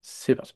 C'est parti.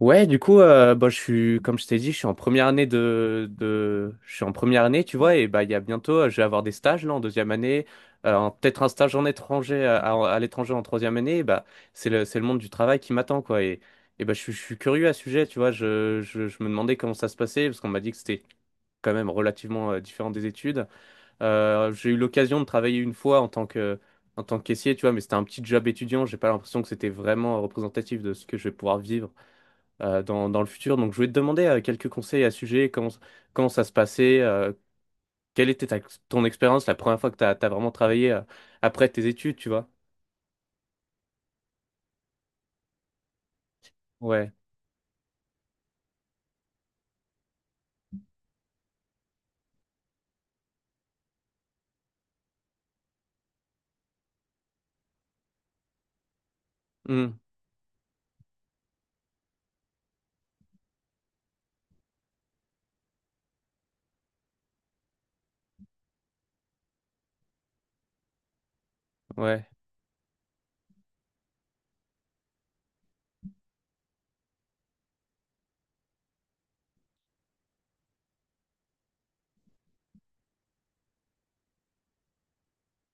Ouais, du coup, bah, je suis, comme je t'ai dit, je suis en première année, tu vois, et bah, il y a bientôt, je vais avoir des stages, là, en deuxième année, peut-être un stage en étranger, à l'étranger en troisième année, et bah, c'est le monde du travail qui m'attend, quoi, et bah, je suis curieux à ce sujet, tu vois, je me demandais comment ça se passait, parce qu'on m'a dit que c'était quand même relativement différent des études. J'ai eu l'occasion de travailler une fois en tant que caissier, tu vois, mais c'était un petit job étudiant. J'ai pas l'impression que c'était vraiment représentatif de ce que je vais pouvoir vivre dans le futur. Donc, je voulais te demander quelques conseils à ce sujet, comment ça se passait, quelle était ton expérience la première fois que tu as vraiment travaillé après tes études, tu vois? Ouais. Hmm. Ouais,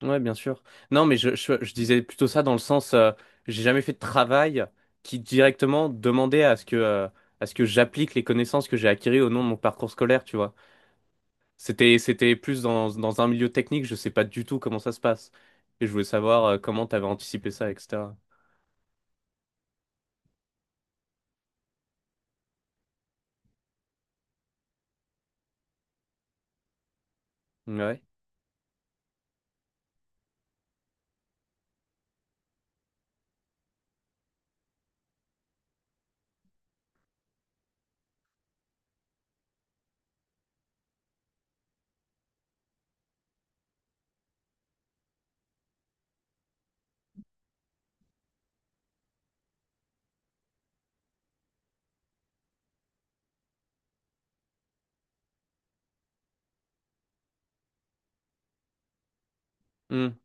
ouais, bien sûr. Non, mais je disais plutôt ça dans le sens, j'ai jamais fait de travail qui directement demandait à ce que j'applique les connaissances que j'ai acquises au nom de mon parcours scolaire, tu vois. C'était plus dans un milieu technique, je sais pas du tout comment ça se passe. Et je voulais savoir comment tu avais anticipé ça, etc. Ouais. Mmh.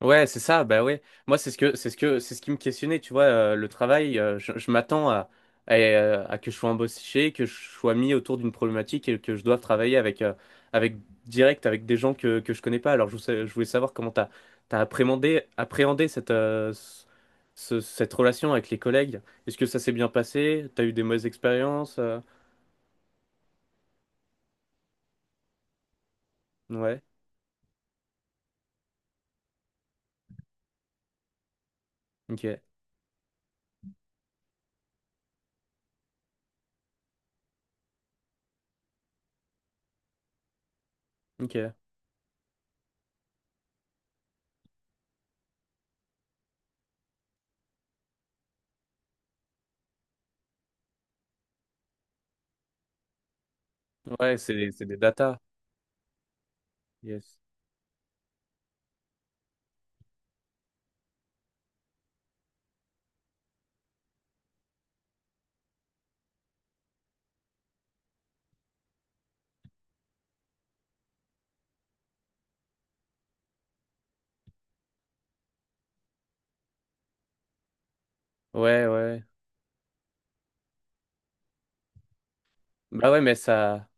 Ouais, c'est ça, bah ouais. Moi, c'est ce qui me questionnait, tu vois, le travail, je m'attends à que je sois embauché, que je sois mis autour d'une problématique et que je doive travailler avec direct, avec des gens que je connais pas. Alors, je voulais savoir comment t'as appréhendé cette relation avec les collègues. Est-ce que ça s'est bien passé? T'as eu des mauvaises expériences? Ouais, ok, ok. Ouais, c'est des datas. Yes. Ouais, ouais. Bah ouais, mais ça,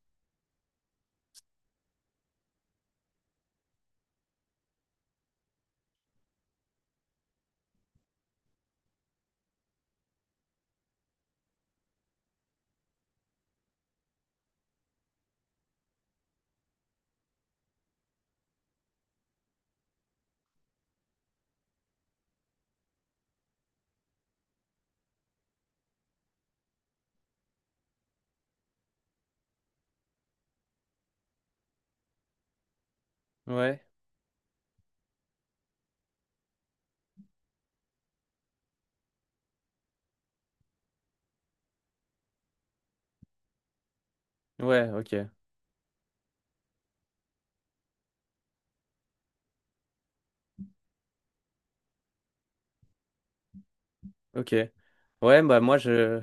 ouais. Ouais, ok. Ok. Ouais, bah moi je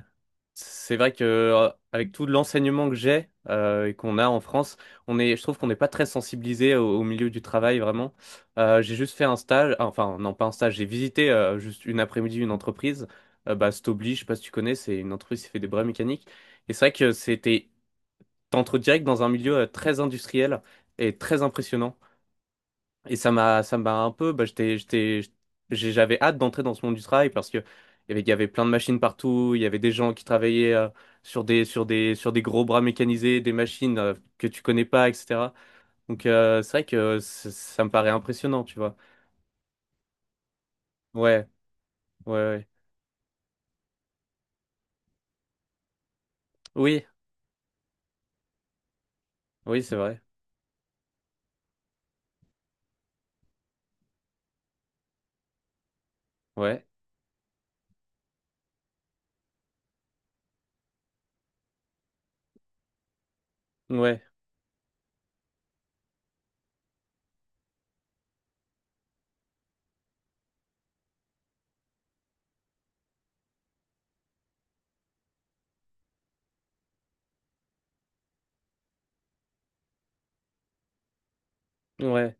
c'est vrai que avec tout l'enseignement que j'ai et qu'on a en France, on est je trouve qu'on n'est pas très sensibilisé au milieu du travail vraiment. J'ai juste fait un stage, enfin non pas un stage, j'ai visité juste une après-midi une entreprise, bah Stobli, je sais pas si tu connais, c'est une entreprise qui fait des bras mécaniques et c'est vrai que c'était t'entres direct dans un milieu très industriel et très impressionnant. Et ça m'a un peu, bah, j'avais hâte d'entrer dans ce monde du travail parce que il y avait plein de machines partout, il y avait des gens qui travaillaient sur des gros bras mécanisés, des machines que tu connais pas, etc. Donc c'est vrai que ça me paraît impressionnant, tu vois. Ouais, ouais, ouais. Oui, oui, c'est vrai. Ouais, ouais, ouais.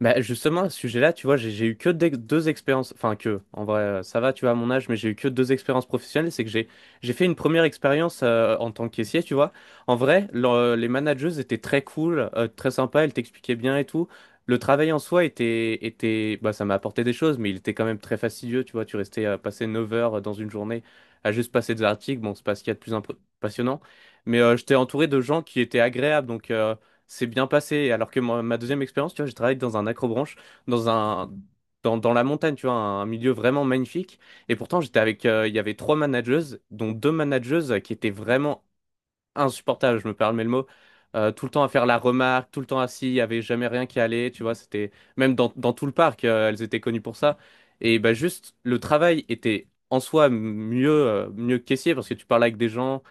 Bah justement, à ce sujet-là, tu vois, j'ai eu que deux expériences, enfin que, en vrai, ça va, tu vois, à mon âge, mais j'ai eu que deux expériences professionnelles. C'est que j'ai fait une première expérience en tant que caissier, tu vois. En vrai, les manageuses étaient très cool, très sympas, elles t'expliquaient bien et tout. Le travail en soi était, bah ça m'a apporté des choses, mais il était quand même très fastidieux, tu vois. Tu restais passer 9 heures dans une journée à juste passer des articles, bon, c'est pas ce qu'il y a de plus passionnant. Mais j'étais entouré de gens qui étaient agréables. Donc, c'est bien passé. Alors que moi, ma deuxième expérience, tu vois, j'ai travaillé dans un accrobranche, dans un, dans la montagne, tu vois, un milieu vraiment magnifique. Et pourtant, il y avait trois manageuses, dont deux manageuses qui étaient vraiment insupportables, je me permets le mot. Tout le temps à faire la remarque, tout le temps assis, il n'y avait jamais rien qui allait, tu vois, c'était, même dans tout le parc, elles étaient connues pour ça. Et bah juste, le travail était en soi mieux que caissier parce que tu parles avec des gens,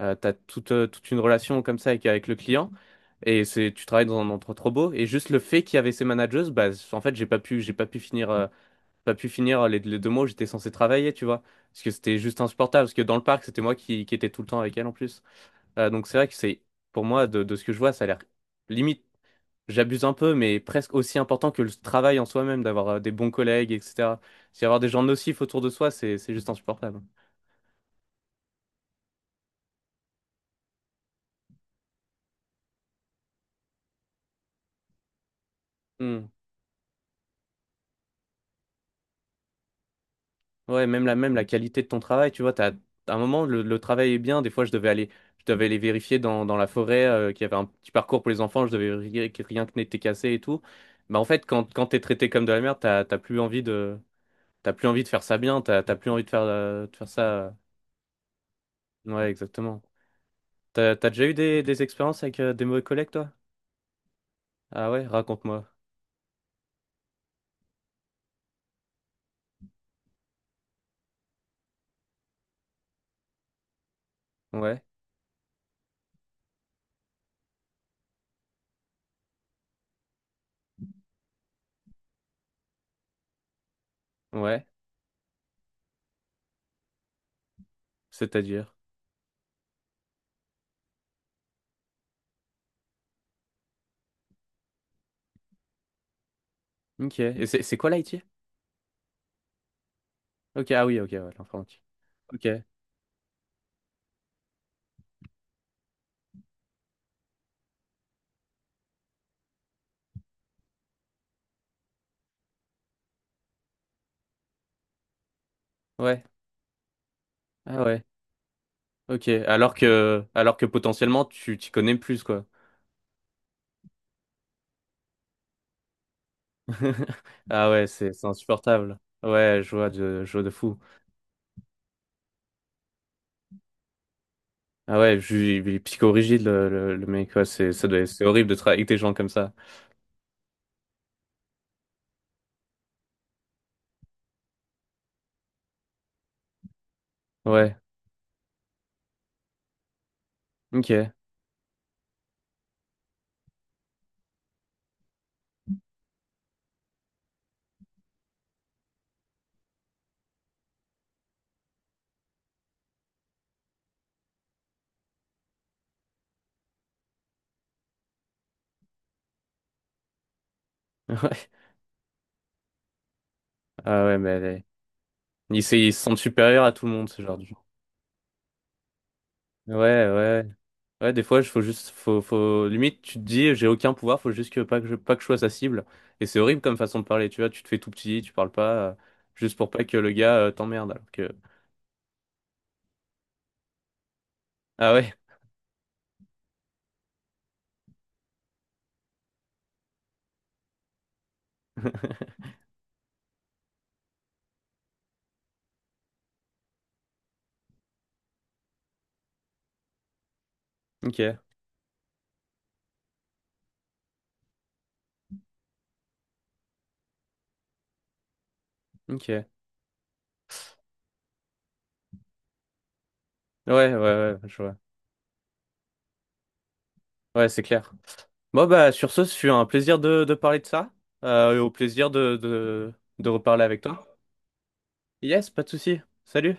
tu as toute une relation comme ça avec le client. Et tu travailles dans un endroit trop beau. Et juste le fait qu'il y avait ces managers, bah, en fait, j'ai pas pu finir, les deux mois où j'étais censé travailler, tu vois. Parce que c'était juste insupportable. Parce que dans le parc, c'était moi qui étais tout le temps avec elle en plus. Donc c'est vrai que c'est, pour moi, de ce que je vois, ça a l'air limite, j'abuse un peu, mais presque aussi important que le travail en soi-même, d'avoir des bons collègues, etc. Si avoir des gens nocifs autour de soi, c'est juste insupportable. Hmm. Ouais, même la qualité de ton travail, tu vois, à un moment le travail est bien, des fois je devais aller vérifier dans la forêt qu'il y avait un petit parcours pour les enfants, je devais vérifier que rien que n'était cassé et tout. Bah en fait quand t'es traité comme de la merde, t'as plus envie de faire ça bien, t'as plus envie de faire ça. Ouais, exactement. T'as déjà eu des expériences avec des mauvais collègues toi? Ah ouais, raconte-moi. Ouais, ouais, c'est-à-dire. Ok. Et c'est quoi l'IT? Ok, ah oui, ok, ouais, l'informatique. Ok. Ouais. Ah ouais. Ok, alors que potentiellement tu t'y connais plus, quoi. Ah ouais, c'est insupportable. Ouais, je vois de fou. Ah ouais, il est psychorigide, le mec, ouais, c'est, ça doit, être- c'est horrible de travailler avec des gens comme ça. Ouais, ok. Ouais. Ah ouais, mais elle est- ils se sentent supérieurs à tout le monde, ce genre de gens. Ouais, ouais. Ouais, des fois, il faut juste, limite, tu te dis, j'ai aucun pouvoir, faut juste que pas que je sois sa cible. Et c'est horrible comme façon de parler, tu vois, tu te fais tout petit, tu parles pas, juste pour pas que le gars, t'emmerde. Ah ouais. Ok, ok. Ouais, ouais, ouais, ouais, je vois. Ouais, c'est clair. Bon, bah, sur ce, ce fut un plaisir de parler de ça. Et au plaisir de reparler avec toi. Yes, pas de souci. Salut.